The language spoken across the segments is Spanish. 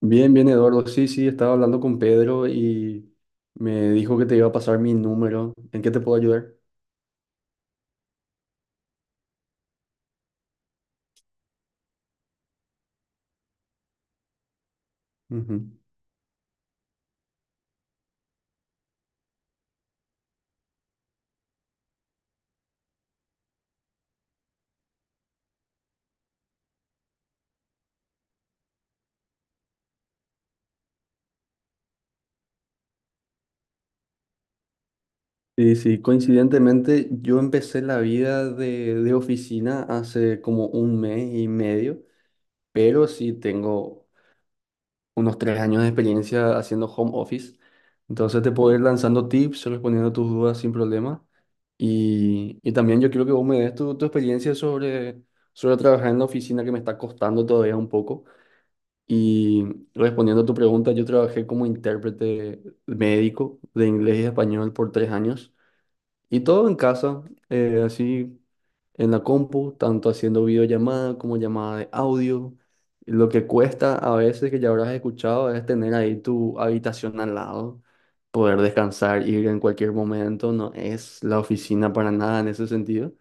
Bien, bien, Eduardo. Sí, sí, estaba hablando con Pedro y me dijo que te iba a pasar mi número. ¿En qué te puedo ayudar? Ujú. Sí, sí, coincidentemente yo empecé la vida de oficina hace como 1 mes y medio, pero sí tengo unos 3 años de experiencia haciendo home office. Entonces te puedo ir lanzando tips, respondiendo tus dudas sin problema. Y también yo quiero que vos me des tu experiencia sobre trabajar en la oficina que me está costando todavía un poco. Y respondiendo a tu pregunta, yo trabajé como intérprete médico de inglés y español por 3 años y todo en casa, así en la compu, tanto haciendo videollamada como llamada de audio. Lo que cuesta a veces, que ya habrás escuchado, es tener ahí tu habitación al lado, poder descansar, ir en cualquier momento, no es la oficina para nada en ese sentido.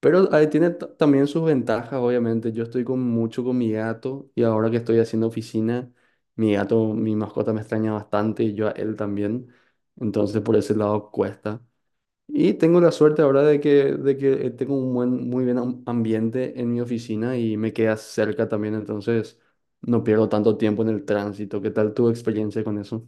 Pero ahí tiene también sus ventajas, obviamente. Yo estoy con mucho con mi gato y ahora que estoy haciendo oficina, mi gato, mi mascota me extraña bastante y yo a él también. Entonces por ese lado cuesta. Y tengo la suerte ahora de que, tengo un buen, muy buen ambiente en mi oficina y me queda cerca también, entonces no pierdo tanto tiempo en el tránsito. ¿Qué tal tu experiencia con eso?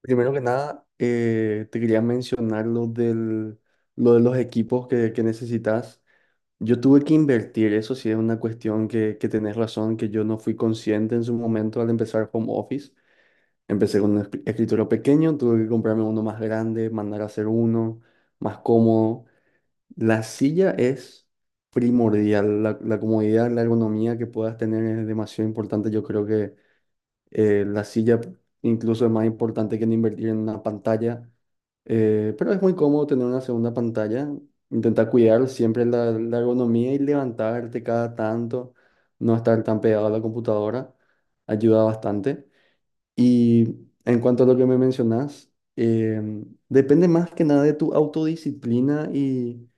Primero que nada, te quería mencionar lo de los equipos que necesitas. Yo tuve que invertir, eso sí es una cuestión que tenés razón, que yo no fui consciente en su momento al empezar home office. Empecé con un escritorio pequeño, tuve que comprarme uno más grande, mandar a hacer uno más cómodo. La silla es primordial, la comodidad, la ergonomía que puedas tener es demasiado importante. Yo creo que la silla incluso es más importante que en invertir en una pantalla. Pero es muy cómodo tener una segunda pantalla. Intentar cuidar siempre la ergonomía y levantarte cada tanto, no estar tan pegado a la computadora, ayuda bastante. Y en cuanto a lo que me mencionas, depende más que nada de tu autodisciplina y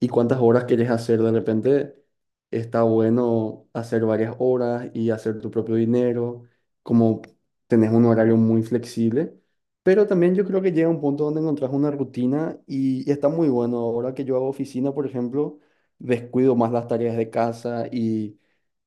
cuántas horas querés hacer. De repente está bueno hacer varias horas y hacer tu propio dinero, como tenés un horario muy flexible. Pero también yo creo que llega un punto donde encontrás una rutina y está muy bueno. Ahora que yo hago oficina, por ejemplo, descuido más las tareas de casa y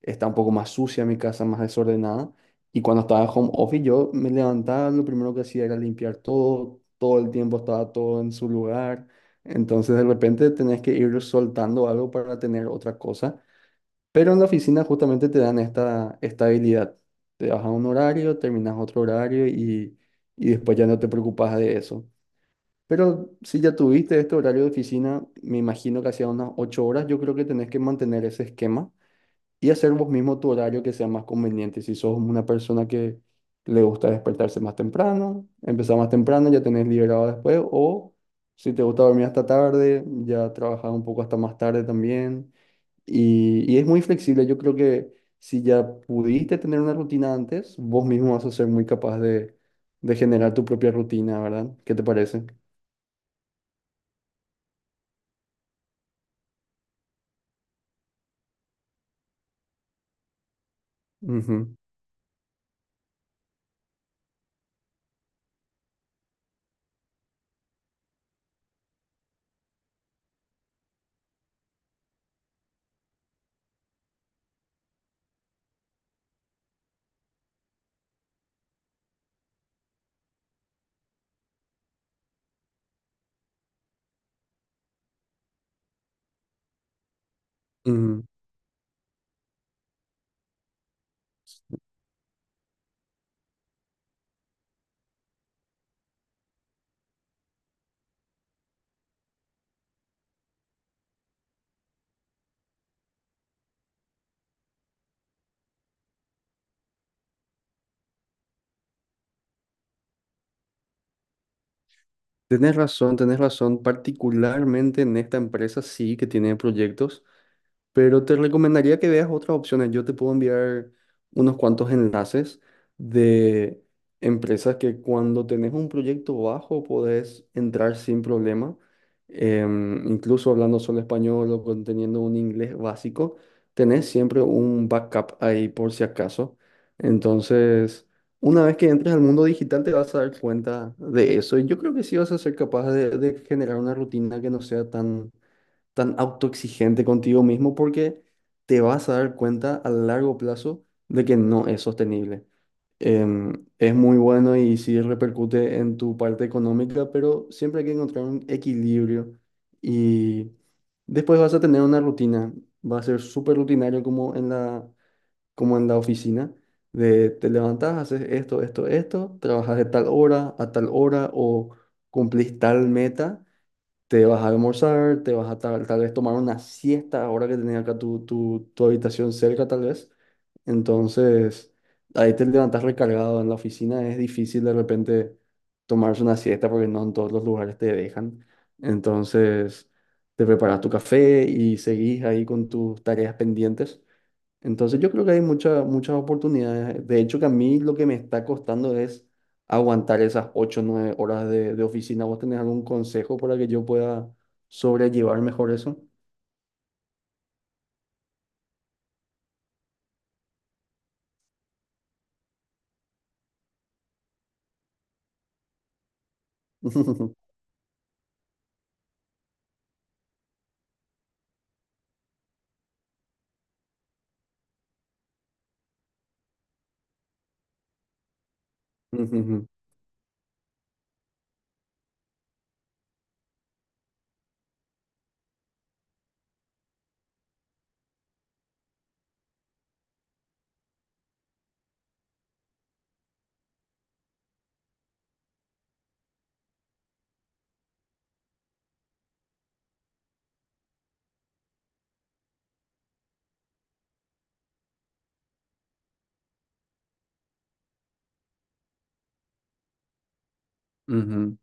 está un poco más sucia mi casa, más desordenada. Y cuando estaba en home office, yo me levantaba, lo primero que hacía era limpiar todo, todo el tiempo estaba todo en su lugar, entonces de repente tenés que ir soltando algo para tener otra cosa. Pero en la oficina justamente te dan esta estabilidad. Te vas a un horario, terminas otro horario y después ya no te preocupas de eso. Pero si ya tuviste este horario de oficina, me imagino que hacía unas 8 horas, yo creo que tenés que mantener ese esquema y hacer vos mismo tu horario que sea más conveniente. Si sos una persona que le gusta despertarse más temprano, empezar más temprano, ya tenés liberado después, o si te gusta dormir hasta tarde, ya trabajas un poco hasta más tarde también. Y es muy flexible, yo creo que si ya pudiste tener una rutina antes, vos mismo vas a ser muy capaz de generar tu propia rutina, ¿verdad? ¿Qué te parece? Ujú, ujú. Tenés razón, particularmente en esta empresa sí que tiene proyectos. Pero te recomendaría que veas otras opciones. Yo te puedo enviar unos cuantos enlaces de empresas que cuando tenés un proyecto bajo podés entrar sin problema. Incluso hablando solo español o teniendo un inglés básico, tenés siempre un backup ahí por si acaso. Entonces, una vez que entres al mundo digital te vas a dar cuenta de eso. Y yo creo que sí vas a ser capaz de generar una rutina que no sea tan autoexigente contigo mismo, porque te vas a dar cuenta a largo plazo de que no es sostenible. Es muy bueno y sí repercute en tu parte económica, pero siempre hay que encontrar un equilibrio y después vas a tener una rutina. Va a ser súper rutinario como en la oficina. De te levantas, haces esto, esto, esto, trabajas de tal hora a tal hora o cumplís tal meta, te vas a almorzar, te vas a tal, tal vez tomar una siesta ahora que tenés acá tu, tu, tu habitación cerca, tal vez. Entonces, ahí te levantas recargado en la oficina, es difícil de repente tomarse una siesta porque no en todos los lugares te dejan. Entonces, te preparas tu café y seguís ahí con tus tareas pendientes. Entonces yo creo que hay muchas oportunidades. De hecho, que a mí lo que me está costando es aguantar esas 8 o 9 horas de oficina. ¿Vos tenés algún consejo para que yo pueda sobrellevar mejor eso? Ujú, ujú.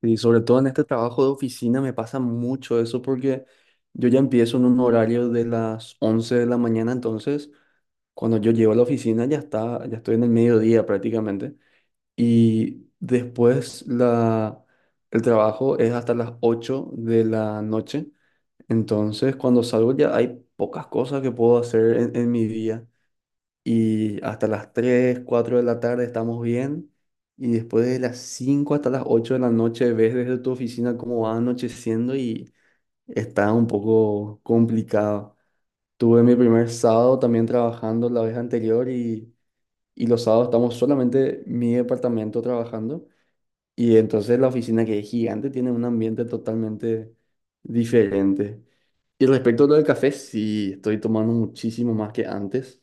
Y sobre todo en este trabajo de oficina me pasa mucho eso porque yo ya empiezo en un horario de las 11 de la mañana, entonces cuando yo llego a la oficina ya está, ya estoy en el mediodía prácticamente. Y después el trabajo es hasta las 8 de la noche. Entonces, cuando salgo ya hay pocas cosas que puedo hacer en mi día. Y hasta las 3 4 de la tarde estamos bien. Y después de las 5 hasta las 8 de la noche ves desde tu oficina cómo va anocheciendo y está un poco complicado. Tuve mi primer sábado también trabajando la vez anterior y los sábados estamos solamente mi departamento trabajando. Y entonces la oficina que es gigante tiene un ambiente totalmente diferente. Y respecto a lo del café, sí, estoy tomando muchísimo más que antes,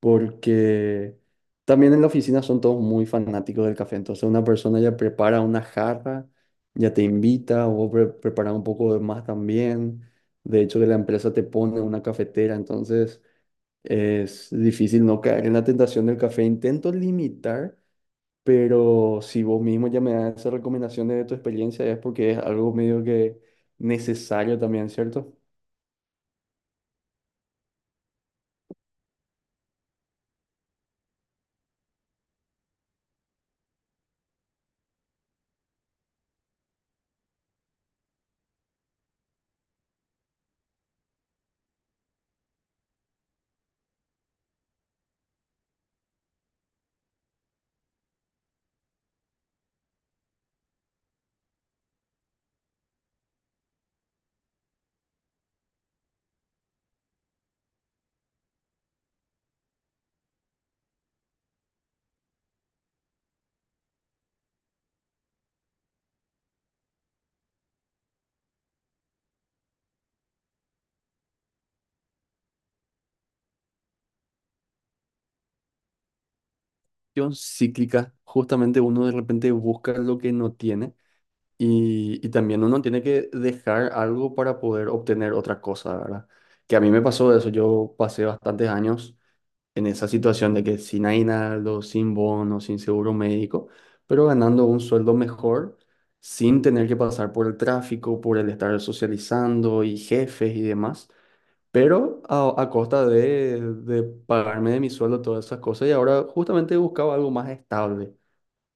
porque también en la oficina son todos muy fanáticos del café. Entonces una persona ya prepara una jarra, ya te invita, o vos preparas un poco de más también. De hecho, que la empresa te pone una cafetera, entonces es difícil no caer en la tentación del café. Intento limitar. Pero si vos mismo ya me das esas recomendaciones de tu experiencia, es porque es algo medio que necesario también, ¿cierto? Yo cíclica, justamente uno de repente busca lo que no tiene y también uno tiene que dejar algo para poder obtener otra cosa, ¿verdad? Que a mí me pasó eso, yo pasé bastantes años en esa situación de que sin aguinaldo, sin bono, sin seguro médico, pero ganando un sueldo mejor, sin tener que pasar por el tráfico, por el estar socializando y jefes y demás, pero a costa de pagarme de mi sueldo todas esas cosas y ahora justamente buscaba algo más estable.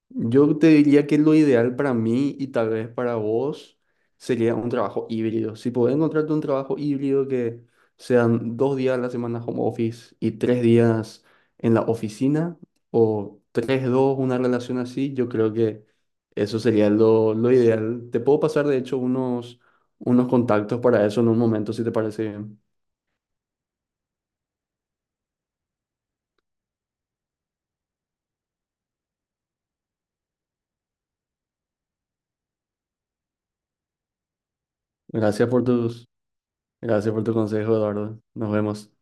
Yo te diría que lo ideal para mí y tal vez para vos sería un trabajo híbrido. Si podés encontrarte un trabajo híbrido que sean 2 días a la semana home office y 3 días en la oficina o tres, dos, una relación así, yo creo que eso sería lo ideal. Te puedo pasar, de hecho, unos, unos contactos para eso en un momento, si te parece bien. Gracias por tus, Gracias por tu consejo, Eduardo. Nos vemos.